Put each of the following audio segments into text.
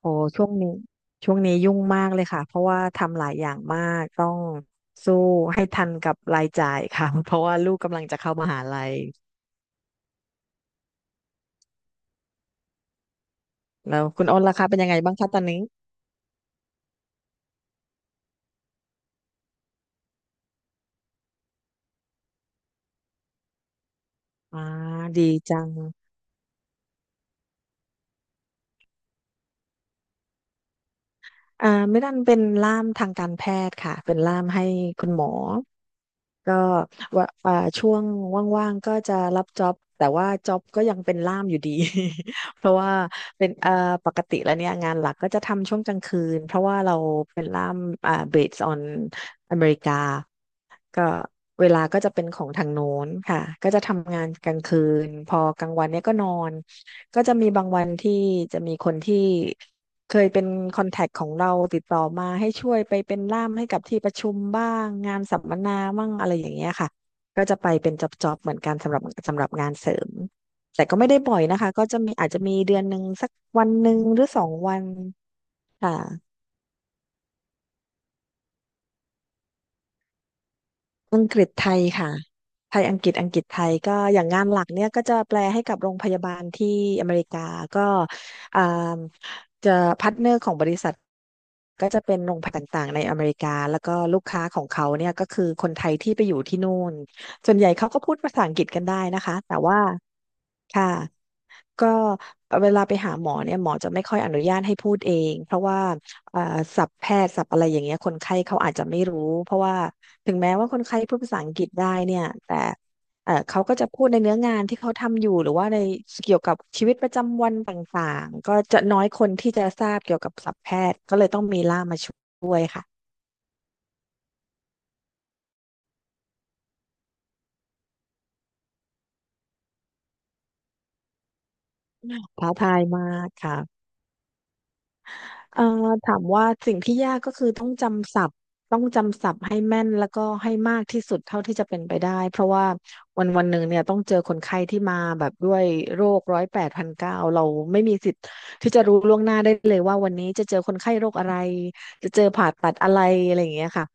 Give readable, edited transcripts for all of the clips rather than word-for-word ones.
โอ้ช่วงนี้ยุ่งมากเลยค่ะเพราะว่าทำหลายอย่างมากต้องสู้ให้ทันกับรายจ่ายค่ะ เพราะว่าลูกกำลังจะเข้ามหาลัยแล้วคุณอ้นราคาเป็นยังไงบ้างคะตอนนี้อ่าดีจัง ไม่ดันเป็นล่ามทางการแพทย์ค่ะเป็นล่ามให้คุณหมอก็ว่าช่วงว่างๆก็จะรับจ็อบแต่ว่าจ็อบก็ยังเป็นล่ามอยู่ดี เพราะว่าเป็นปกติแล้วเนี่ยงานหลักก็จะทำช่วงกลางคืนเพราะว่าเราเป็นล่ามbased on อเมริกา ก็เวลาก็จะเป็นของทางโน้นค่ะก็จะทำงานกลางคืนพอกลางวันเนี่ยก็นอนก็จะมีบางวันที่จะมีคนที่เคยเป็นคอนแทคของเราติดต่อมาให้ช่วยไปเป็นล่ามให้กับที่ประชุมบ้างงานสัมมนาบ้างอะไรอย่างเงี้ยค่ะก็จะไปเป็นจ็อบๆเหมือนกันสำหรับงานเสริมแต่ก็ไม่ได้บ่อยนะคะก็จะมีอาจจะมีเดือนหนึ่งสักวันหนึ่งหรือสองวันค่ะ อังกฤษไทยค่ะไทยอังกฤษอังกฤษไทยก็อย่างงานหลักเนี่ยก็จะแปลให้กับโรงพยาบาลที่อเมริกาก็อ่าจะพาร์ทเนอร์ของบริษัทก็จะเป็นโรงพยาบาลต่างๆในอเมริกาแล้วก็ลูกค้าของเขาเนี่ยก็คือคนไทยที่ไปอยู่ที่นู่นส่วนใหญ่เขาก็พูดภาษาอังกฤษกันได้นะคะแต่ว่าค่ะ ก็เวลาไปหาหมอเนี่ยหมอจะไม่ค่อยอนุญาตให้พูดเองเพราะว่าเอ่อศัพท์แพทย์ศัพท์อะไรอย่างเงี้ยคนไข้เขาอาจจะไม่รู้เพราะว่าถึงแม้ว่าคนไข้พูดภาษาอังกฤษได้เนี่ยแต่เขาก็จะพูดในเนื้องานที่เขาทำอยู่หรือว่าในเกี่ยวกับชีวิตประจำวันต่างๆก็จะน้อยคนที่จะทราบเกี่ยวกับศัพท์แพทย์ก็เลยต้องมีล่ามมาช่วยค่ะท้าทายมากค่ะ เอ่อถามว่าสิ่งที่ยากก็คือต้องจำศัพท์ให้แม่นแล้วก็ให้มากที่สุดเท่าที่จะเป็นไปได้เพราะว่าวันหนึ่งเนี่ยต้องเจอคนไข้ที่มาแบบด้วยโรคร้อยแปดพันเก้าเราไม่มีสิทธิ์ที่จะรู้ล่วงหน้าได้เลยว่าวันนี้จะเจอคนไข้โรคอะไรจะเจอผ่าตัดอะไรอะไรอย่างเงี้ยค่ะ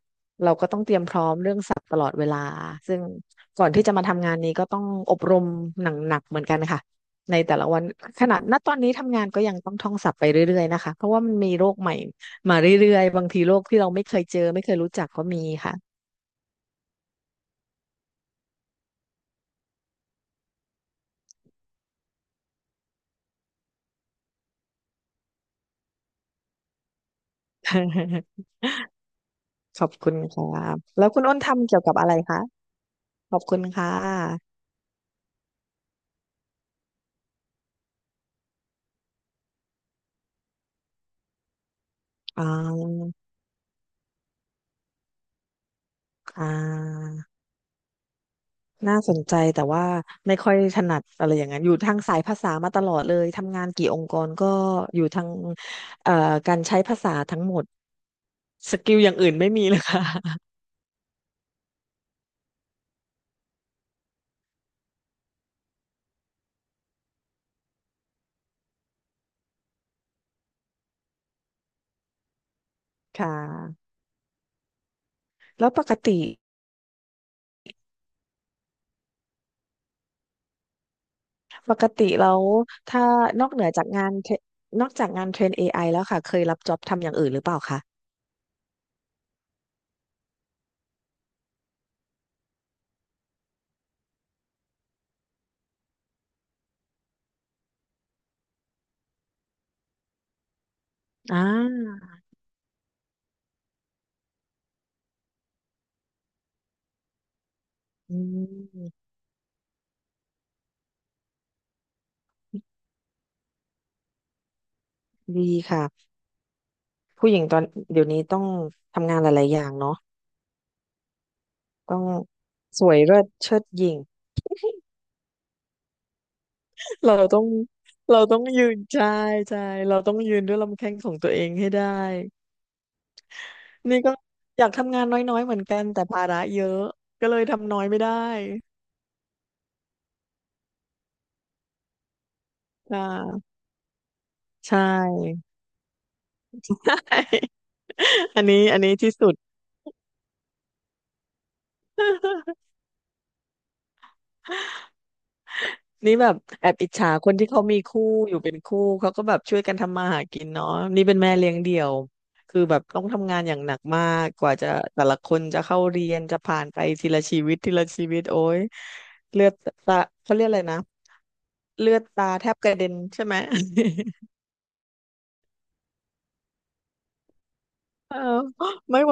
เตรียมพร้อมเรื่องศัพท์ตลอดเวลาซึ่งก่อนที่จะมาทำงานนี้ก็ต้องอบรมหนักๆเหมือนกันค่ะในแต่ละวันขนาดณตอนนี้ทำงานก็ยังต้องท่องศัพท์ไปเรื่อยๆนะคะเพราะว่ามันมีโรคใหม่มาเรื่อยๆบางทีโรคที่เราไม่เคยเจอไม่เคยรู้จักก็มีค่ะ ขอบคุณครับแล้วคุณอ้นทำเกี่ยวกับอะไรคะขอบคุณค่ะอ่าอ่า น่าสนใจแต่ว่าไม่ค่อยถนัดอะไรอย่างนั้นอยู่ทางสายภาษามาตลอดเลยทำงานกี่องค์กรก็อยู่ทางเอ่อการหมดสกิลอย่างอื่นไม่มีเลยค่ะ ค่ะแล้วปกติแล้วถ้านอกเหนือจากงานเทรนอกจากงานเทรน AI แล้วค่ะเคยรับจ็อบทำอย่างอื่นหรือเปล่าคะอ่าอืมดีค่ะผู้หญิงตอนเดี๋ยวนี้ต้องทำงานหลายๆอย่างเนาะต้องสวยเลิศเชิดหยิ่ง เราต้องเราต้องยืนใช่ใช่เราต้องยืนด้วยลำแข้งของตัวเองให้ได้นี่ก็อยากทำงานน้อยๆเหมือนกันแต่ภาระเยอะก็เลยทำน้อยไม่ได้อ่าใช่ อันนี้ที่สุด นี่แบบแอบอิจฉาคนที่เขามีคู่อยู่เป็นคู่เขาก็แบบช่วยกันทำมาหากินเนาะนี่เป็นแม่เลี้ยงเดี่ยวคือแบบต้องทำงานอย่างหนักมากกว่าจะแต่ละคนจะเข้าเรียนจะผ่านไปทีละชีวิตทีละชีวิตโอ้ยเลือดตาเขาเรียกอะไรนะเลือดตาแทบกระเด็นใช่ไหม เออไม่ไหว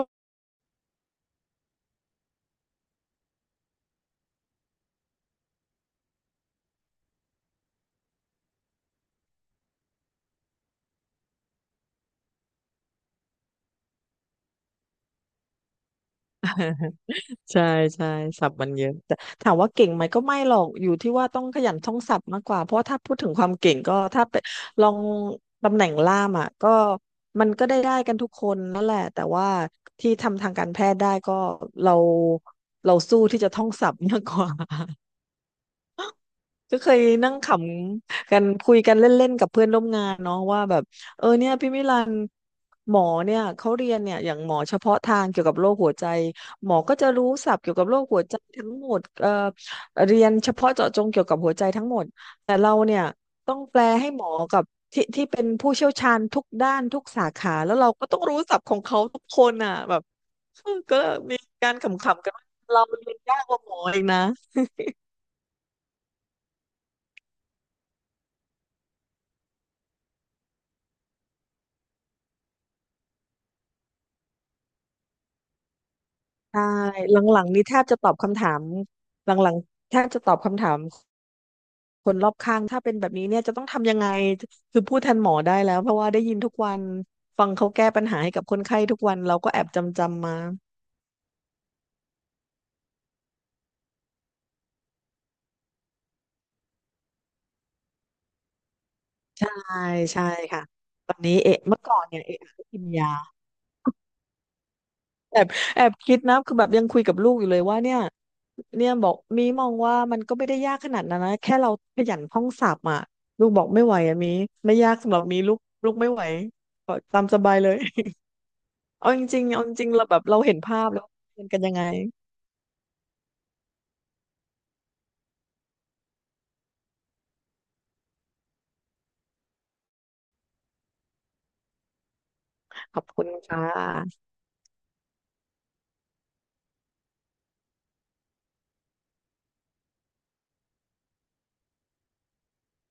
ใช่ใช่ศัพท์มันเยอะแต่ถามว่าเก่งไหมก็ไม่หรอกอยู่ที่ว่าต้องขยันท่องศัพท์มากกว่าเพราะว่าถ้าพูดถึงความเก่งก็ถ้าไปลองตำแหน่งล่ามอ่ะก็มันก็ได้กันทุกคนนั่นแหละแต่ว่าที่ทำทางการแพทย์ได้ก็เราเราสู้ที่จะท่องศัพท์มากกว่า ก็เคยนั่งขำกันคุยกันเล่นๆกับเพื่อนร่วมงานเนาะว่าแบบเออเนี่ยพี่มิลันหมอเนี่ยเขาเรียนเนี่ยอย่างหมอเฉพาะทางเกี่ยวกับโรคหัวใจหมอก็จะรู้ศัพท์เกี่ยวกับโรคหัวใจทั้งหมดเรียนเฉพาะเจาะจงเกี่ยวกับหัวใจทั้งหมดแต่เราเนี่ยต้องแปลให้หมอกับที่ที่เป็นผู้เชี่ยวชาญทุกด้านทุกสาขาแล้วเราก็ต้องรู้ศัพท์ของเขาทุกคนอ่ะแบบก็มีการขำๆกันว่าเราเรียนยากกว่าหมอเองนะ ใช่หลังๆนี้แทบจะตอบคำถามหลังๆแทบจะตอบคำถามคนรอบข้างถ้าเป็นแบบนี้เนี่ยจะต้องทำยังไงคือพูดแทนหมอได้แล้วเพราะว่าได้ยินทุกวันฟังเขาแก้ปัญหาให้กับคนไข้ทุกวันเราก็แอบจำจำมาใช่ใช่ค่ะตอนนี้เอะเมื่อก่อนเนี่ยเอะอะก็กินยา แอบแอบคิดนะคือแบบยังคุยกับลูกอยู่เลยว่าเนี่ยบอกมีมองว่ามันก็ไม่ได้ยากขนาดนั้นนะแค่เราขยันท่องศัพท์อ่ะลูกบอกไม่ไหวอ่ะมีไม่ยากสำหรับมีลูกลูกไม่ไหวก็ตามสบายเลย เอาจริงๆเอาจริงๆเราแบบเราเห็นภาพแล้วมันกันยังไงขอบคุณค่ะ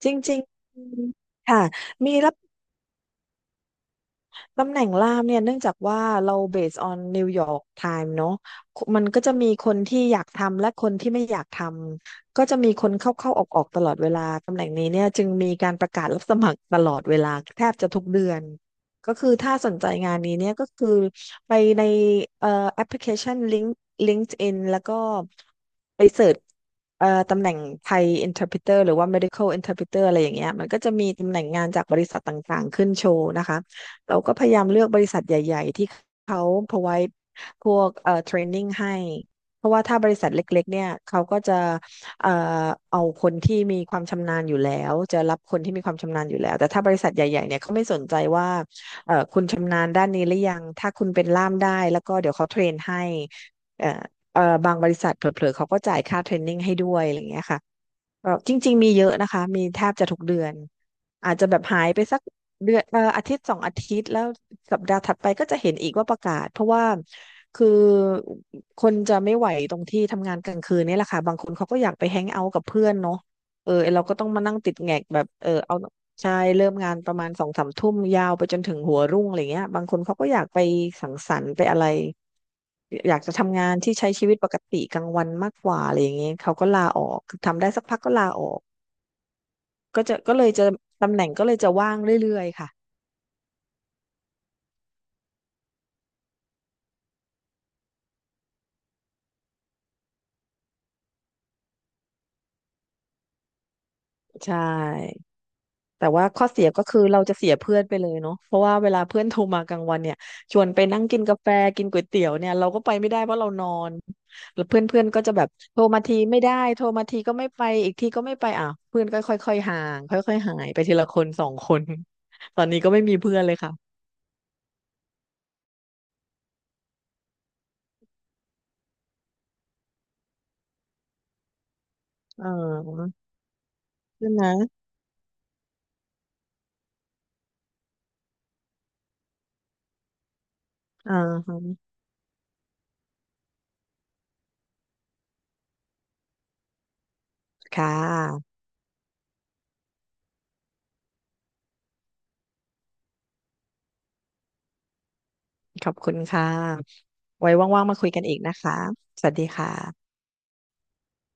จริงๆค่ะมีรับ ตำแหน่งล่ามเนี่ยเนื่องจากว่าเรา based on New York Time เนอะมันก็จะมีคนที่อยากทำและคนที่ไม่อยากทำก็จะมีคนเข้าเข้าออกออกๆตลอดเวลาตำแหน่งนี้เนี่ยจึงมีการประกาศรับสมัครตลอดเวลาแทบจะทุกเดือนก็คือถ้าสนใจงานนี้เนี่ยก็คือไปในเอ่อแอปพลิเคชัน LinkedIn แล้วก็ไปเสิร์ชตำแหน่งไทย Interpreter หรือว่า Medical Interpreter อะไรอย่างเงี้ยมันก็จะมีตำแหน่งงานจากบริษัทต่างๆขึ้นโชว์นะคะ เราก็พยายามเลือกบริษัทใหญ่ๆที่เขา provide พวกtraining ให้เพราะว่าถ้าบริษัทเล็กๆเนี่ยเขาก็จะเอ่อเอาคนที่มีความชำนาญอยู่แล้วจะรับคนที่มีความชำนาญอยู่แล้วแต่ถ้าบริษัทใหญ่ๆเนี่ยเขาไม่สนใจว่าคุณชำนาญด้านนี้หรือยังถ้าคุณเป็นล่ามได้แล้วก็เดี๋ยวเขาเทรนให้เอ่อบางบริษัทเผลอๆเขาก็จ่ายค่าเทรนนิ่งให้ด้วยอะไรอย่างเงี้ยค่ะก็จริงๆมีเยอะนะคะมีแทบจะทุกเดือนอาจจะแบบหายไปสัก เดือนอาทิตย์สองอาทิตย์แล้วสัปดาห์ถัดไปก็จะเห็นอีกว่าประกาศเพราะว่าคือคนจะไม่ไหวตรงที่ทำงานกลางคืนนี่แหละค่ะบางคนเขาก็อยากไปแฮงเอาท์กับเพื่อนเนาะเออไอ้เราก็ต้องมานั่งติดแงกแบบเออเอาใช่เริ่มงานประมาณสองสามทุ่มยาวไปจนถึงหัวรุ่งอะไรเงี้ยบางคนเขาก็อยากไปสังสรรค์ไปอะไรอยากจะทำงานที่ใช้ชีวิตปกติกลางวันมากกว่าอะไรอย่างเงี้ยเขาก็ลาออกคือทำได้สักพักก็ลาออกก็เลยจะตำแหน่งก็เลยจะว่างเรื่อยๆค่ะใช่ แต่ว่าข้อเสียก็คือเราจะเสียเพื่อนไปเลยเนาะเพราะว่าเวลาเพื่อนโทรมากลางวันเนี่ยชวนไปนั่งกินกาแฟกินก๋วยเตี๋ยวเนี่ยเราก็ไปไม่ได้เพราะเรานอนแล้วเพื่อนเพื่อนก็จะแบบโทรมาทีไม่ได้โทรมาทีก็ไม่ไปอีกทีก็ไม่ไปอ่ะเพื่อนก็ค่อยๆห่างค่อยๆหายไปทีละคนสองคน ตอนนี้ก็ไม่มีเพื่อนเลยค่ะเออใช่ไหมอ่าฮะค่ะขอบคุณค่ะไว้ว่างๆมาคุยกันอีกนะคะสวัสดีค่ะ